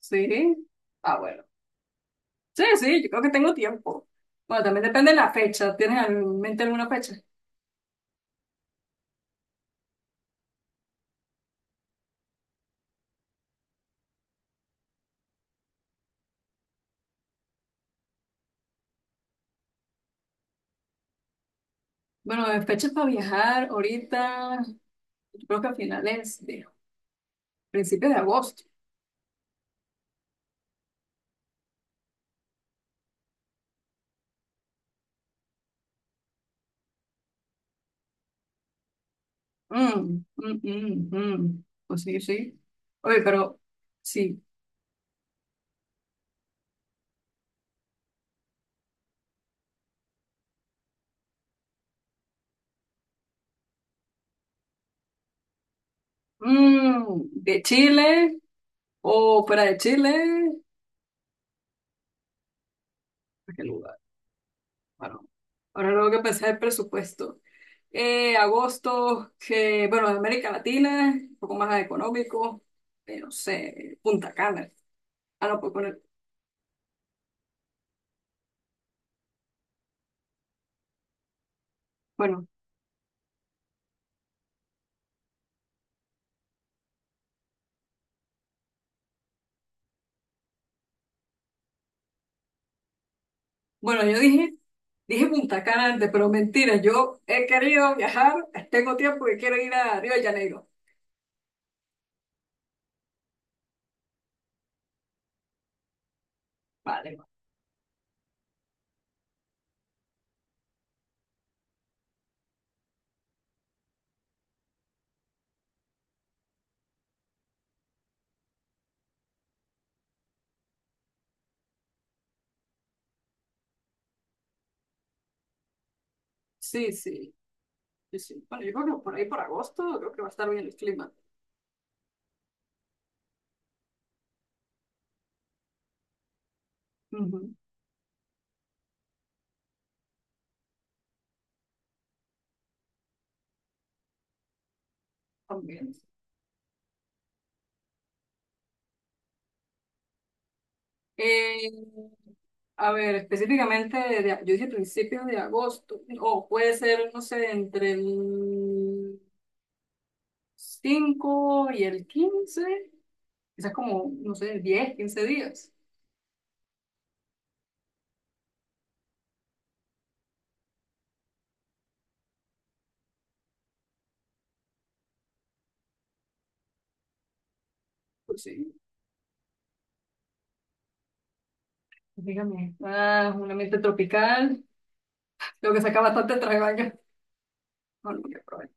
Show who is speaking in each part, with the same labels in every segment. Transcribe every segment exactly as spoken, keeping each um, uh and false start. Speaker 1: Sí. Ah, bueno. Sí, sí, yo creo que tengo tiempo. Bueno, también depende de la fecha. ¿Tienes en mente alguna fecha? Bueno, en fechas para viajar ahorita, yo creo que a finales de principios de agosto. Mm, mm, mm, mm. Pues sí, sí. Oye, pero sí. Mm, de Chile o fuera de Chile, ¿a qué lugar? Bueno, ahora tengo que pensar el presupuesto. Eh, agosto, que, bueno, de América Latina, un poco más económico, eh, no sé, Punta Cana. Ah, no, pues poner, bueno, bueno, yo dije, dije Punta Cana antes, pero mentira, yo he querido viajar, tengo tiempo que quiero ir a Río de Janeiro. Vale, vale. Sí, sí, sí, sí. Bueno, yo creo que por ahí por agosto creo que va a estar bien el clima. Ujú. También. Eh, a ver, específicamente, de- yo dije principios de agosto, o puede ser, no sé, entre el cinco y el quince, quizás como, no sé, diez quince días. Pues sí, dígame. Ah, un ambiente tropical, lo que saca bastante traje de baño. No, lo voy a probar,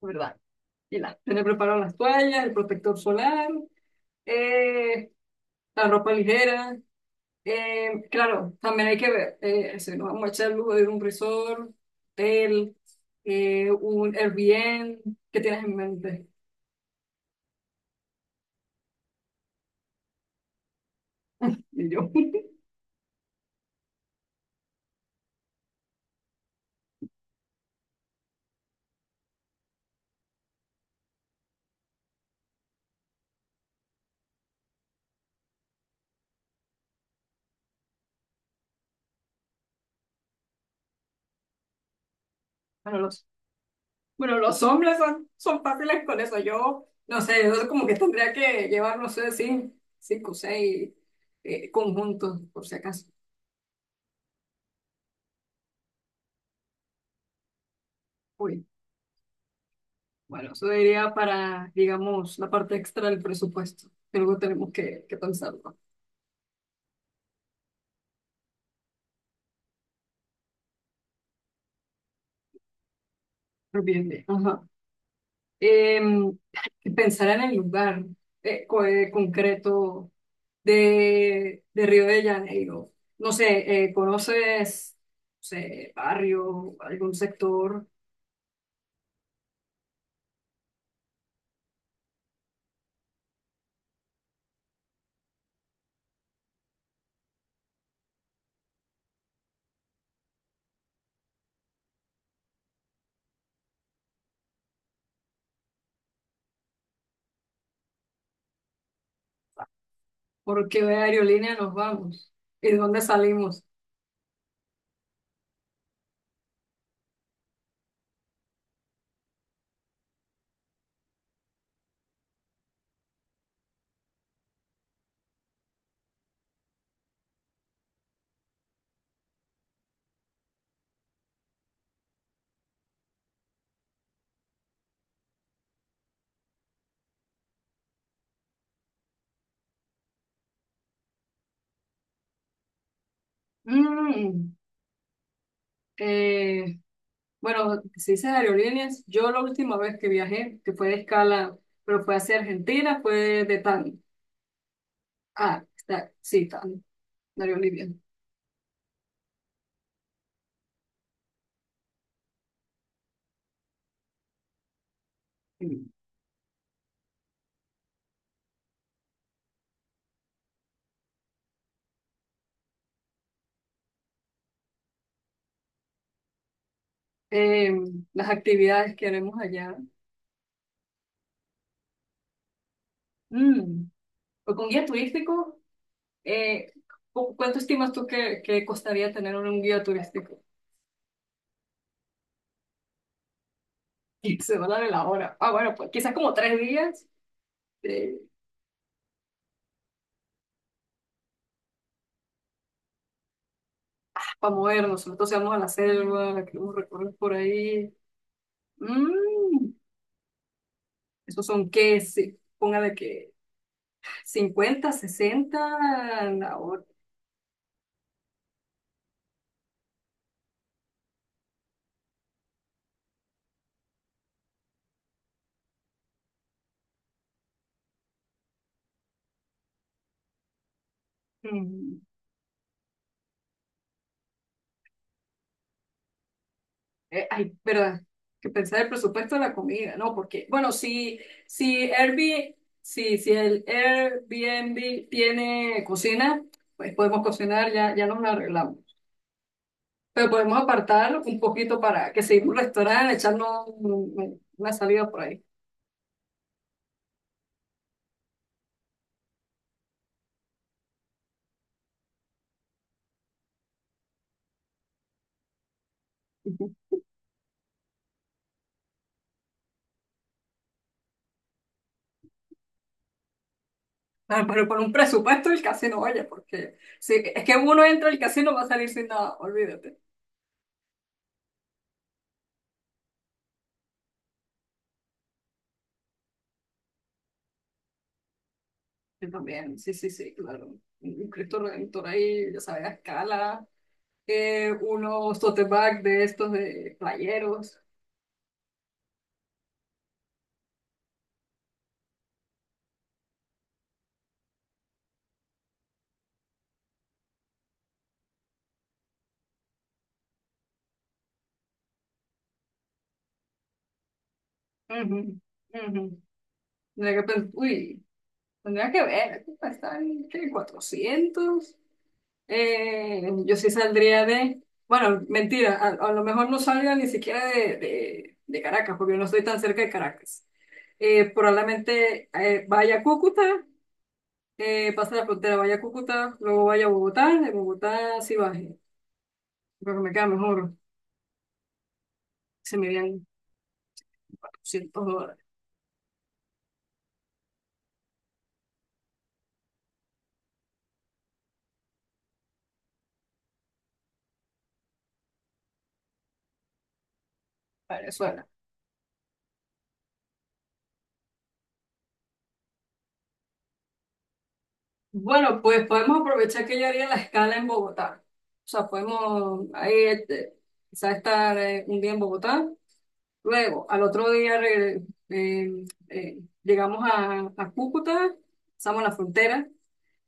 Speaker 1: ¿verdad? Y la, tener preparado las toallas, el protector solar, eh, la ropa ligera. Eh, claro, también hay que ver, eh, si nos vamos a echar el lujo de ir a un resort, hotel, eh, un Airbnb, ¿qué tienes en mente? Y yo. bueno, los Bueno, los hombres son, son fáciles con eso. Yo, no sé, yo como que tendría que llevar, no sé, cin- cinco o seis eh, conjuntos, por si acaso. Uy, bueno, eso diría para, digamos, la parte extra del presupuesto, que luego tenemos que, que pensarlo. Pero Bien, bien, ajá. Em, pensar en el lugar eh, co- eh, concreto de, de Río de Janeiro. No sé, eh, ¿conoces, no sé, barrio, algún sector? ¿Por qué aerolínea nos vamos? ¿Y de dónde salimos? Mm, eh, bueno, si dices aerolíneas, yo la última vez que viajé, que fue de escala, pero fue hacia Argentina, fue de T A N. Ah, está, sí, T A N, de aerolínea. Mm. Eh, las actividades que haremos allá. Mm, pues con guía turístico, eh, ¿cu- ¿cuánto estimas tú que, que costaría tener un guía turístico? Se va a dar la hora. Ah, bueno, pues quizás como tres días. eh, para movernos. Nosotros íbamos a la selva, la queremos recorrer por ahí. Mm, Esos son qué, sí, póngale que cincuenta, sesenta, la hora. Mm, eh, Ay, verdad, que pensar el presupuesto de la comida, ¿no? Porque, bueno, si, si Airbnb, si, si el Airbnb tiene cocina, pues podemos cocinar, ya, ya nos la arreglamos. Pero podemos apartar un poquito para que seguimos un restaurante, echarnos un- un- una salida por ahí. Claro, pero con un presupuesto el casino, oye, porque si es que uno entra al casino va a salir sin nada, olvídate. Yo también, sí, sí, sí, claro. Un Cristo Redentor ahí, ya sabes, a escala, eh, unos tote bag de estos de playeros. Ujú, ujú. Tendría que, pen- uy, tendría que ver, aquí está en ¿qué? cuatrocientos. Eh, yo sí saldría de, bueno, mentira, a, a lo mejor no salga ni siquiera de, de, de Caracas, porque no estoy tan cerca de Caracas. Eh, probablemente eh, vaya a Cúcuta, eh, pase la frontera, vaya a Cúcuta, luego vaya a Bogotá, de Bogotá sí baje, creo que me queda mejor, se me irían cuatrocientos dólares. Venezuela. Bueno, pues podemos aprovechar que yo haría la escala en Bogotá, o sea, podemos ahí, este, quizá estar eh, un día en Bogotá. Luego, al otro día re- eh, eh, llegamos a, a Cúcuta, pasamos la frontera,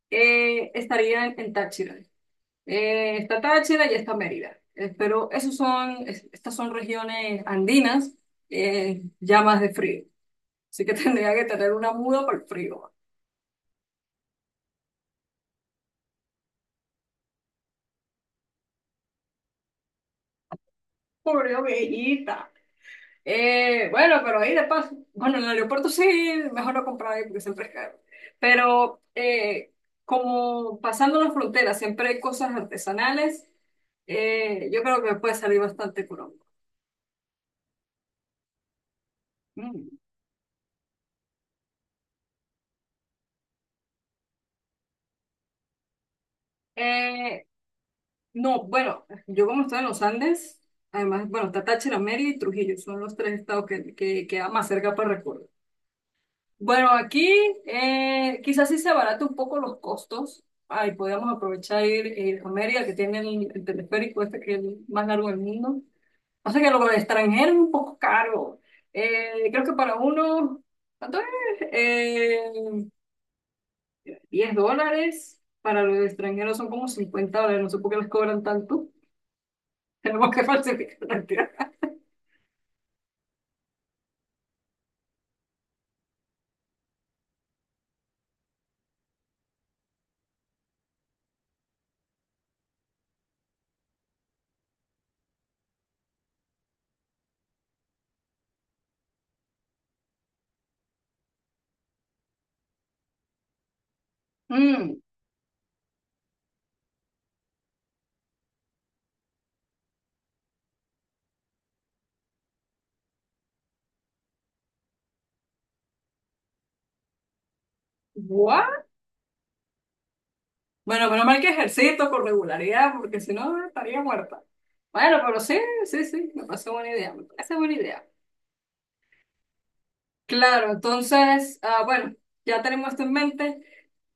Speaker 1: eh, estaría en, en Táchira. Eh, está Táchira y está Mérida. Eh, pero esos son, es- estas son regiones andinas, eh, ya más de frío. Así que tendría que tener una muda para el frío. Pobre ovejita. Eh, bueno, pero ahí de paso. Bueno, en el aeropuerto sí, mejor no comprar ahí porque siempre es caro. Pero eh, como pasando las fronteras, siempre hay cosas artesanales. Eh, yo creo que me puede salir bastante económico. Mm. Eh, no, bueno, yo como estoy en los Andes, además, bueno, está Táchira, Mérida y Trujillo, son los tres estados que, que queda más cerca para recorrer. Bueno, aquí eh, quizás sí se abarata un poco los costos. Ahí podríamos aprovechar ir, ir a Mérida, que tiene el, el teleférico este que es el más largo del mundo. O sea que lo del extranjero es un poco caro. Eh, creo que para uno, ¿cuánto es? Eh, diez dólares. Para los extranjeros son como cincuenta dólares. No sé por qué les cobran tanto. Tenemos que falsificar la cantidad. Mm, Bueno, menos mal que ejercito con regularidad, porque si no estaría muerta. Bueno, pero sí, sí, sí, me parece buena idea, me parece buena idea. Claro, entonces, ah, bueno, ya tenemos esto en mente.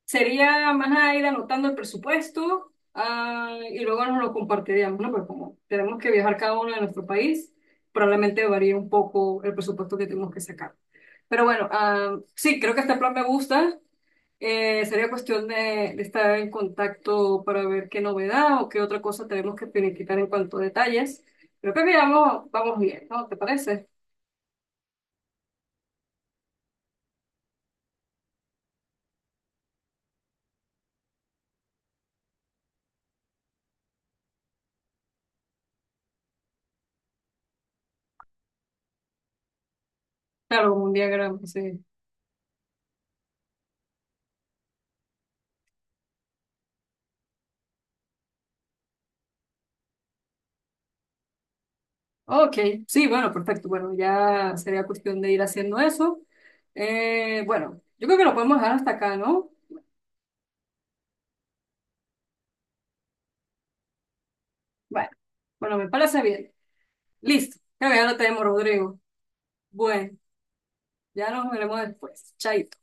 Speaker 1: Sería más nada ir anotando el presupuesto, ah, y luego nos lo compartiríamos, ¿no? Pero como tenemos que viajar cada uno de nuestro país, probablemente varíe un poco el presupuesto que tenemos que sacar. Pero bueno, ah, sí, creo que este plan me gusta. Eh, sería cuestión de, de estar en contacto para ver qué novedad o qué otra cosa tenemos que finiquitar en cuanto a detalles. Creo que miramos, vamos bien, ¿no? ¿Te parece? Claro, como un diagrama, sí. Ok, sí, bueno, perfecto. Bueno, ya sería cuestión de ir haciendo eso. Eh, bueno, yo creo que lo podemos dejar hasta acá, ¿no? Bueno, bueno, me parece bien. Listo. Creo que ya lo tenemos, Rodrigo. Bueno, ya nos veremos después. Chaito.